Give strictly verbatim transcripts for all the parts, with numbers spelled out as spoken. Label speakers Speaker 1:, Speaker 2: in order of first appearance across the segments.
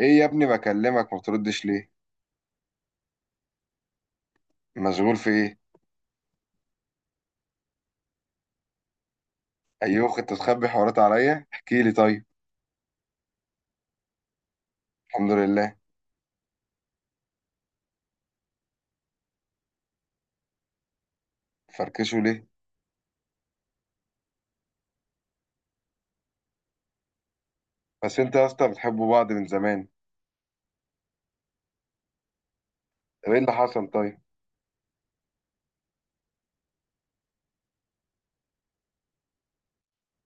Speaker 1: ايه يا ابني، بكلمك ما بتردش ليه؟ مشغول في ايه؟ ايوه انت تخبي حوارات عليا؟ احكي لي طيب. الحمد لله. فركشوا ليه؟ بس انت يا اسطى بتحبوا بعض من زمان. طب ايه اللي حصل طيب؟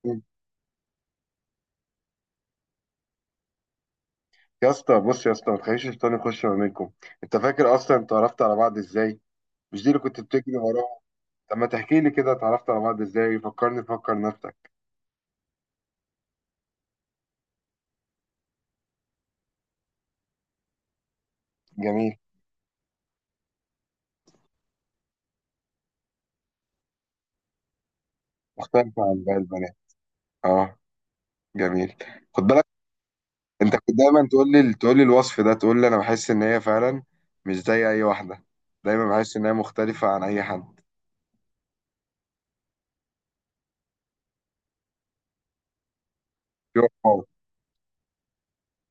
Speaker 1: مم. يا اسطى بص يا اسطى، ما تخليش الشيطان يخش ما بينكم. انت فاكر اصلا انت عرفت على بعض ازاي؟ مش دي اللي كنت بتجري وراها؟ طب ما تحكي لي كده، اتعرفت على بعض ازاي؟ فكرني، فكر نفسك. جميل. مختلف عن باقي البنات. اه. جميل. خد بالك. انت كنت دايما تقول لي، تقول لي الوصف ده، تقول لي انا بحس ان هي فعلا مش زي اي واحده، دايما بحس ان هي مختلفه عن اي حد في واقع.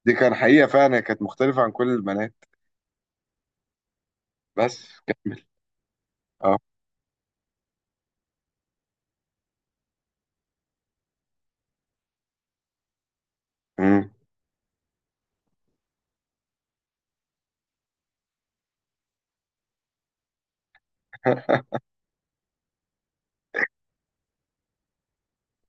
Speaker 1: دي كان حقيقه، فعلا هي كانت مختلفه عن كل البنات. بس كمل. اه. مم.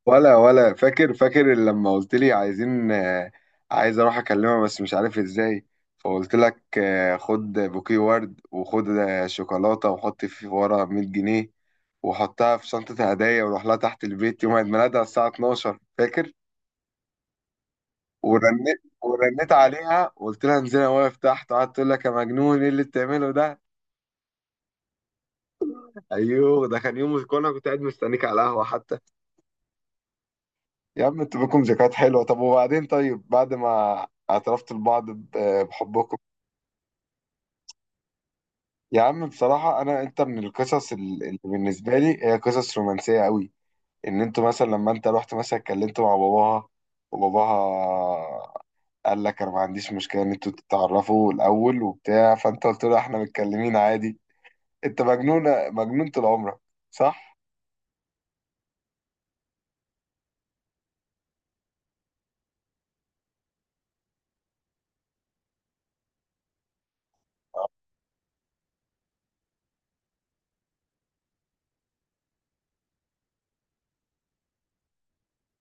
Speaker 1: ولا ولا فاكر، فاكر لما قلت لي عايزين آه، عايز اروح اكلمها بس مش عارف ازاي؟ فقلت لك آه، خد بوكيه ورد، وخد آه، شوكولاته، وحط في ورا مية جنيه، وحطها في شنطه هدايا، وروح لها تحت البيت يوم عيد ميلادها الساعه الثانية عشرة. فاكر؟ ورنيت ورنيت عليها وقلت لها انزلي انا واقف تحت، قعدت تقول لك يا مجنون ايه اللي بتعمله ده. ايوه، ده كان يوم كنا كنت قاعد مستنيك على القهوه حتى. يا عم انتوا بكم ذكريات حلوه. طب وبعدين طيب، بعد ما اعترفت لبعض ب- بحبكم؟ يا عم بصراحه انا، انت من القصص ال- اللي بالنسبه لي هي قصص رومانسيه قوي. ان انتوا مثلا لما انت رحت مثلا اتكلمت مع باباها، وباباها قال لك انا ما عنديش مشكله ان انتوا تتعرفوا الاول وبتاع، فانت قلت له احنا متكلمين عادي. انت مجنونة، مجنون طول عمرك. صح؟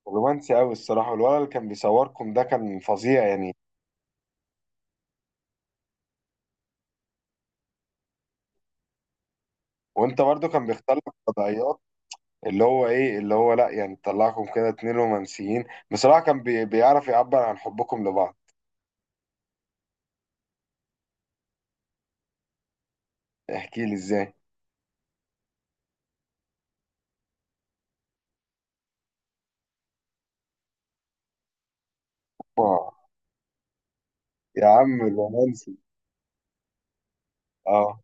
Speaker 1: رومانسي قوي الصراحة. والولد اللي كان بيصوركم ده كان فظيع يعني. وانت برضو كان بيختار لك قضايات، اللي هو ايه، اللي هو لا يعني طلعكم كده اتنين رومانسيين. بصراحة كان بي... بيعرف يعبر عن حبكم لبعض. احكي لي ازاي. اه. يا عم الرومانسي. اه.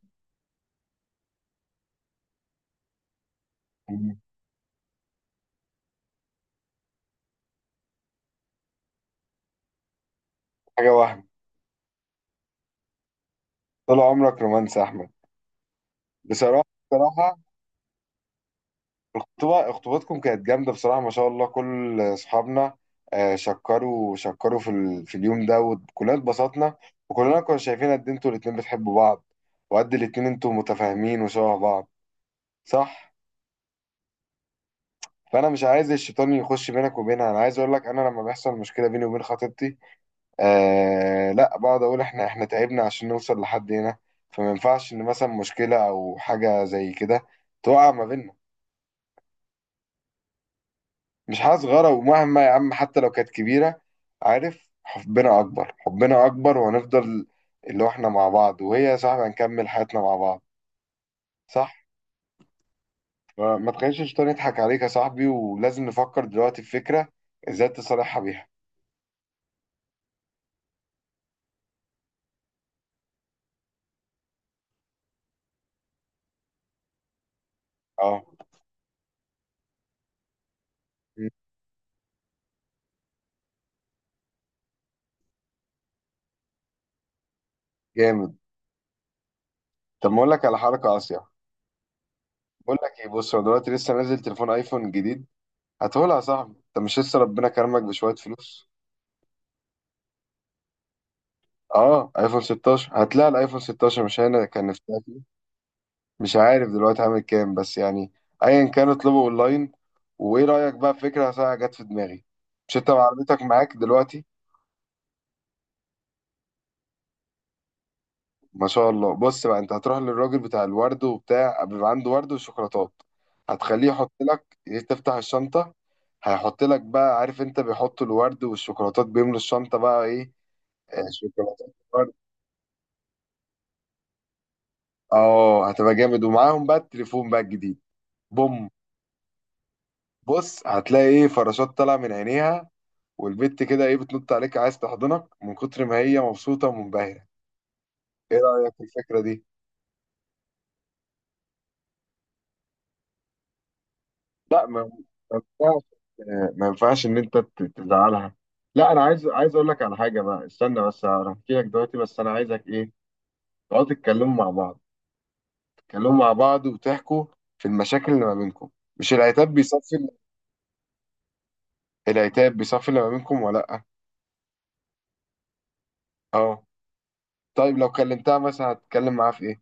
Speaker 1: حاجة وهم. طول عمرك رومانسي يا احمد. بصراحة. بصراحة الخطوبة، خطوبتكم كانت جامدة بصراحة، ما شاء الله. كل أصحابنا آه، شكروا شكروا في, ال... في اليوم ده وكلنا اتبسطنا، وكلنا كنا شايفين قد إيه انتوا الاتنين بتحبوا بعض، وقد الاتنين انتوا متفاهمين وشبه بعض. صح؟ فأنا مش عايز الشيطان يخش بينك وبينها. أنا عايز أقول لك أنا لما بيحصل مشكلة بيني وبين خطيبتي، آه لا، بقعد أقول إحنا إحنا تعبنا عشان نوصل لحد هنا، فما ينفعش إن مثلا مشكلة أو حاجة زي كده تقع ما بيننا. مش حاجة صغيرة، ومهما يا عم حتى لو كانت كبيرة، عارف حبنا أكبر، حبنا أكبر وهنفضل اللي هو إحنا مع بعض، وهي يا صاحبي هنكمل حياتنا مع بعض. صح. فما تخليش الشيطان يضحك عليك يا صاحبي، ولازم نفكر دلوقتي في فكرة إزاي تصالحها بيها. أه. م. جامد. طب ما أقول لك على حركة قاسية. بقول لك إيه، بص، أنا دلوقتي لسه نازل تليفون أيفون جديد، هاتهولها يا صاحبي. أنت مش لسه ربنا كرمك بشوية فلوس؟ أه، أيفون ستاشر. هتلاقي الأيفون ستاشر مش هنا، كان نفسها. مش عارف دلوقتي عامل كام بس يعني، ايا كان اطلبه اونلاين. وايه رايك بقى في فكره ساعه جت في دماغي؟ مش انت عربيتك معاك دلوقتي؟ ما شاء الله. بص بقى، انت هتروح للراجل بتاع الورد وبتاع، بيبقى عنده ورد وشوكولاتات، هتخليه يحط لك، تفتح الشنطه، هيحط لك بقى، عارف انت بيحطوا الورد والشوكولاتات، بيملوا الشنطه بقى ايه، آه، شوكولاتات ورد. اه هتبقى جامد، ومعاهم بقى التليفون بقى الجديد، بوم. بص هتلاقي ايه، فراشات طالعه من عينيها، والبت كده ايه بتنط عليك عايز تحضنك من كتر ما هي مبسوطة ومنبهرة. ايه رأيك في الفكرة دي؟ لا ما، ما ينفعش، آه، ما ينفعش ان انت ت- تزعلها. لا انا عايز، عايز اقول لك على حاجة بقى، استنى بس هحكي لك دلوقتي، بس انا عايزك ايه، تقعدوا تتكلموا مع بعض، تتكلموا مع بعض وتحكوا في المشاكل اللي ما بينكم. مش العتاب بيصفي؟ العتاب بيصفي اللي ما بينكم ولا لا؟ اه. طيب لو كلمتها مثلا هتتكلم معاها في ايه؟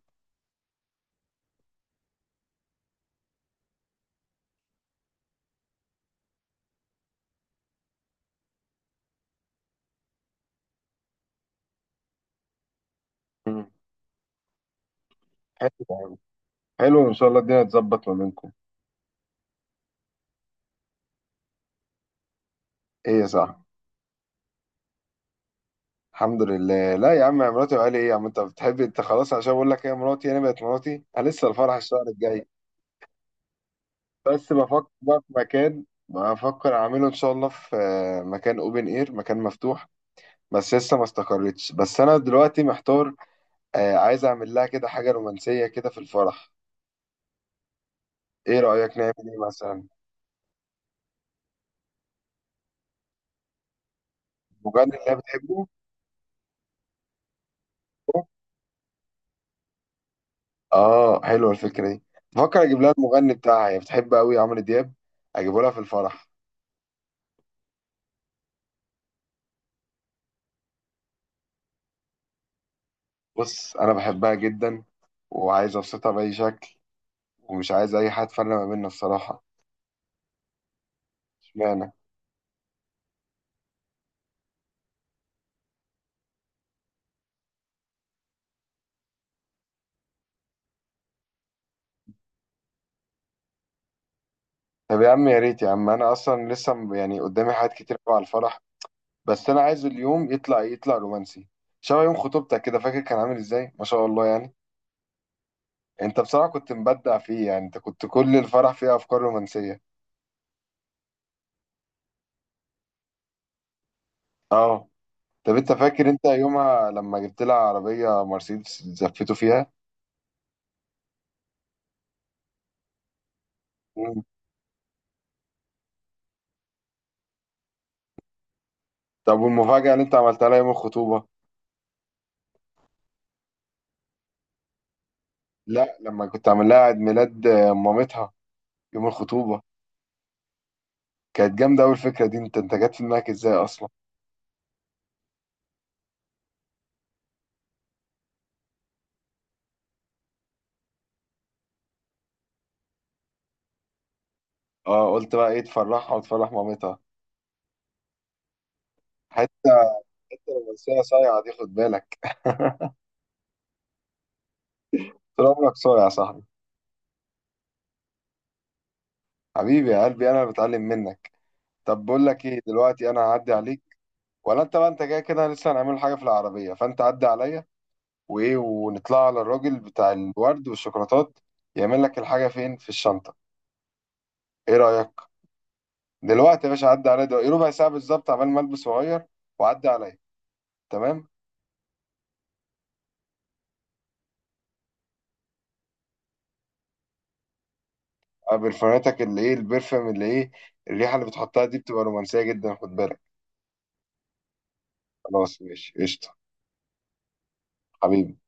Speaker 1: مم. حلو. حلو ان شاء الله الدنيا تظبط ما بينكم. ايه يا صاحبي؟ الحمد لله. لا يا عم مراتي، وقال ايه يا عم انت بتحب، انت خلاص عشان بقول لك هي مراتي، انا بقت مراتي، انا لسه الفرح الشهر الجاي. بس بفكر بقى في مكان، بفكر اعمله ان شاء الله في آه، مكان اوبن اير، مكان مفتوح، بس لسه ما استقرتش. بس انا دلوقتي محتار، آه، عايز اعمل لها كده حاجه رومانسيه كده في الفرح. ايه رايك نعمل ايه مثلا؟ المغني اللي هي بتحبه. اه حلوه الفكره دي. بفكر اجيب لها المغني بتاعها، هي بتحب قوي عمرو دياب، اجيبه لها في الفرح. بص انا بحبها جدا، وعايز ابسطها باي شكل، ومش عايز اي حد فرق ما بيننا الصراحه. اشمعنى؟ طب يا عم يا ريت يا عم، انا اصلا لسه م- يعني قدامي حاجات كتير أوي على الفرح، بس انا عايز اليوم يطلع، يطلع رومانسي، شبه يوم خطوبتك كده، فاكر كان عامل ازاي، ما شاء الله يعني. انت بصراحه كنت مبدع فيه يعني، انت كنت كل الفرح فيه افكار رومانسيه. اه. طب انت فاكر انت يومها لما جبت لها عربيه مرسيدس زفته فيها؟ مم. طب والمفاجاه اللي انت عملتها لها يوم الخطوبه؟ لا لما كنت عامل لها عيد ميلاد آه، مامتها، يوم الخطوبة. كانت جامدة أوي الفكرة دي، أنت أنت جت في دماغك إزاي أصلا؟ أه قلت بقى إيه، تفرحها وتفرح مامتها. حتة، حتة رومانسية صايعة دي، خد بالك. طول عمرك صايع يا صاحبي. حبيبي يا قلبي، أنا اللي بتعلم منك. طب بقول لك إيه، دلوقتي أنا هعدي عليك ولا أنت بقى، أنت جاي كده لسه هنعمل حاجة في العربية، فأنت عدي عليا وإيه، ونطلع على الراجل بتاع الورد والشوكولاتات يعمل لك الحاجة فين في الشنطة. إيه رأيك؟ دلوقتي؟ يا باشا عدى عليا دلوقتي، إيه ربع ساعة بالظبط، عمال ما البس واغير وعدى عليا. تمام. برفاناتك اللي ايه، البرفم اللي ايه، الريحة اللي بتحطها دي بتبقى رومانسية جدا، خد بالك. خلاص ماشي قشطة. حبيبي.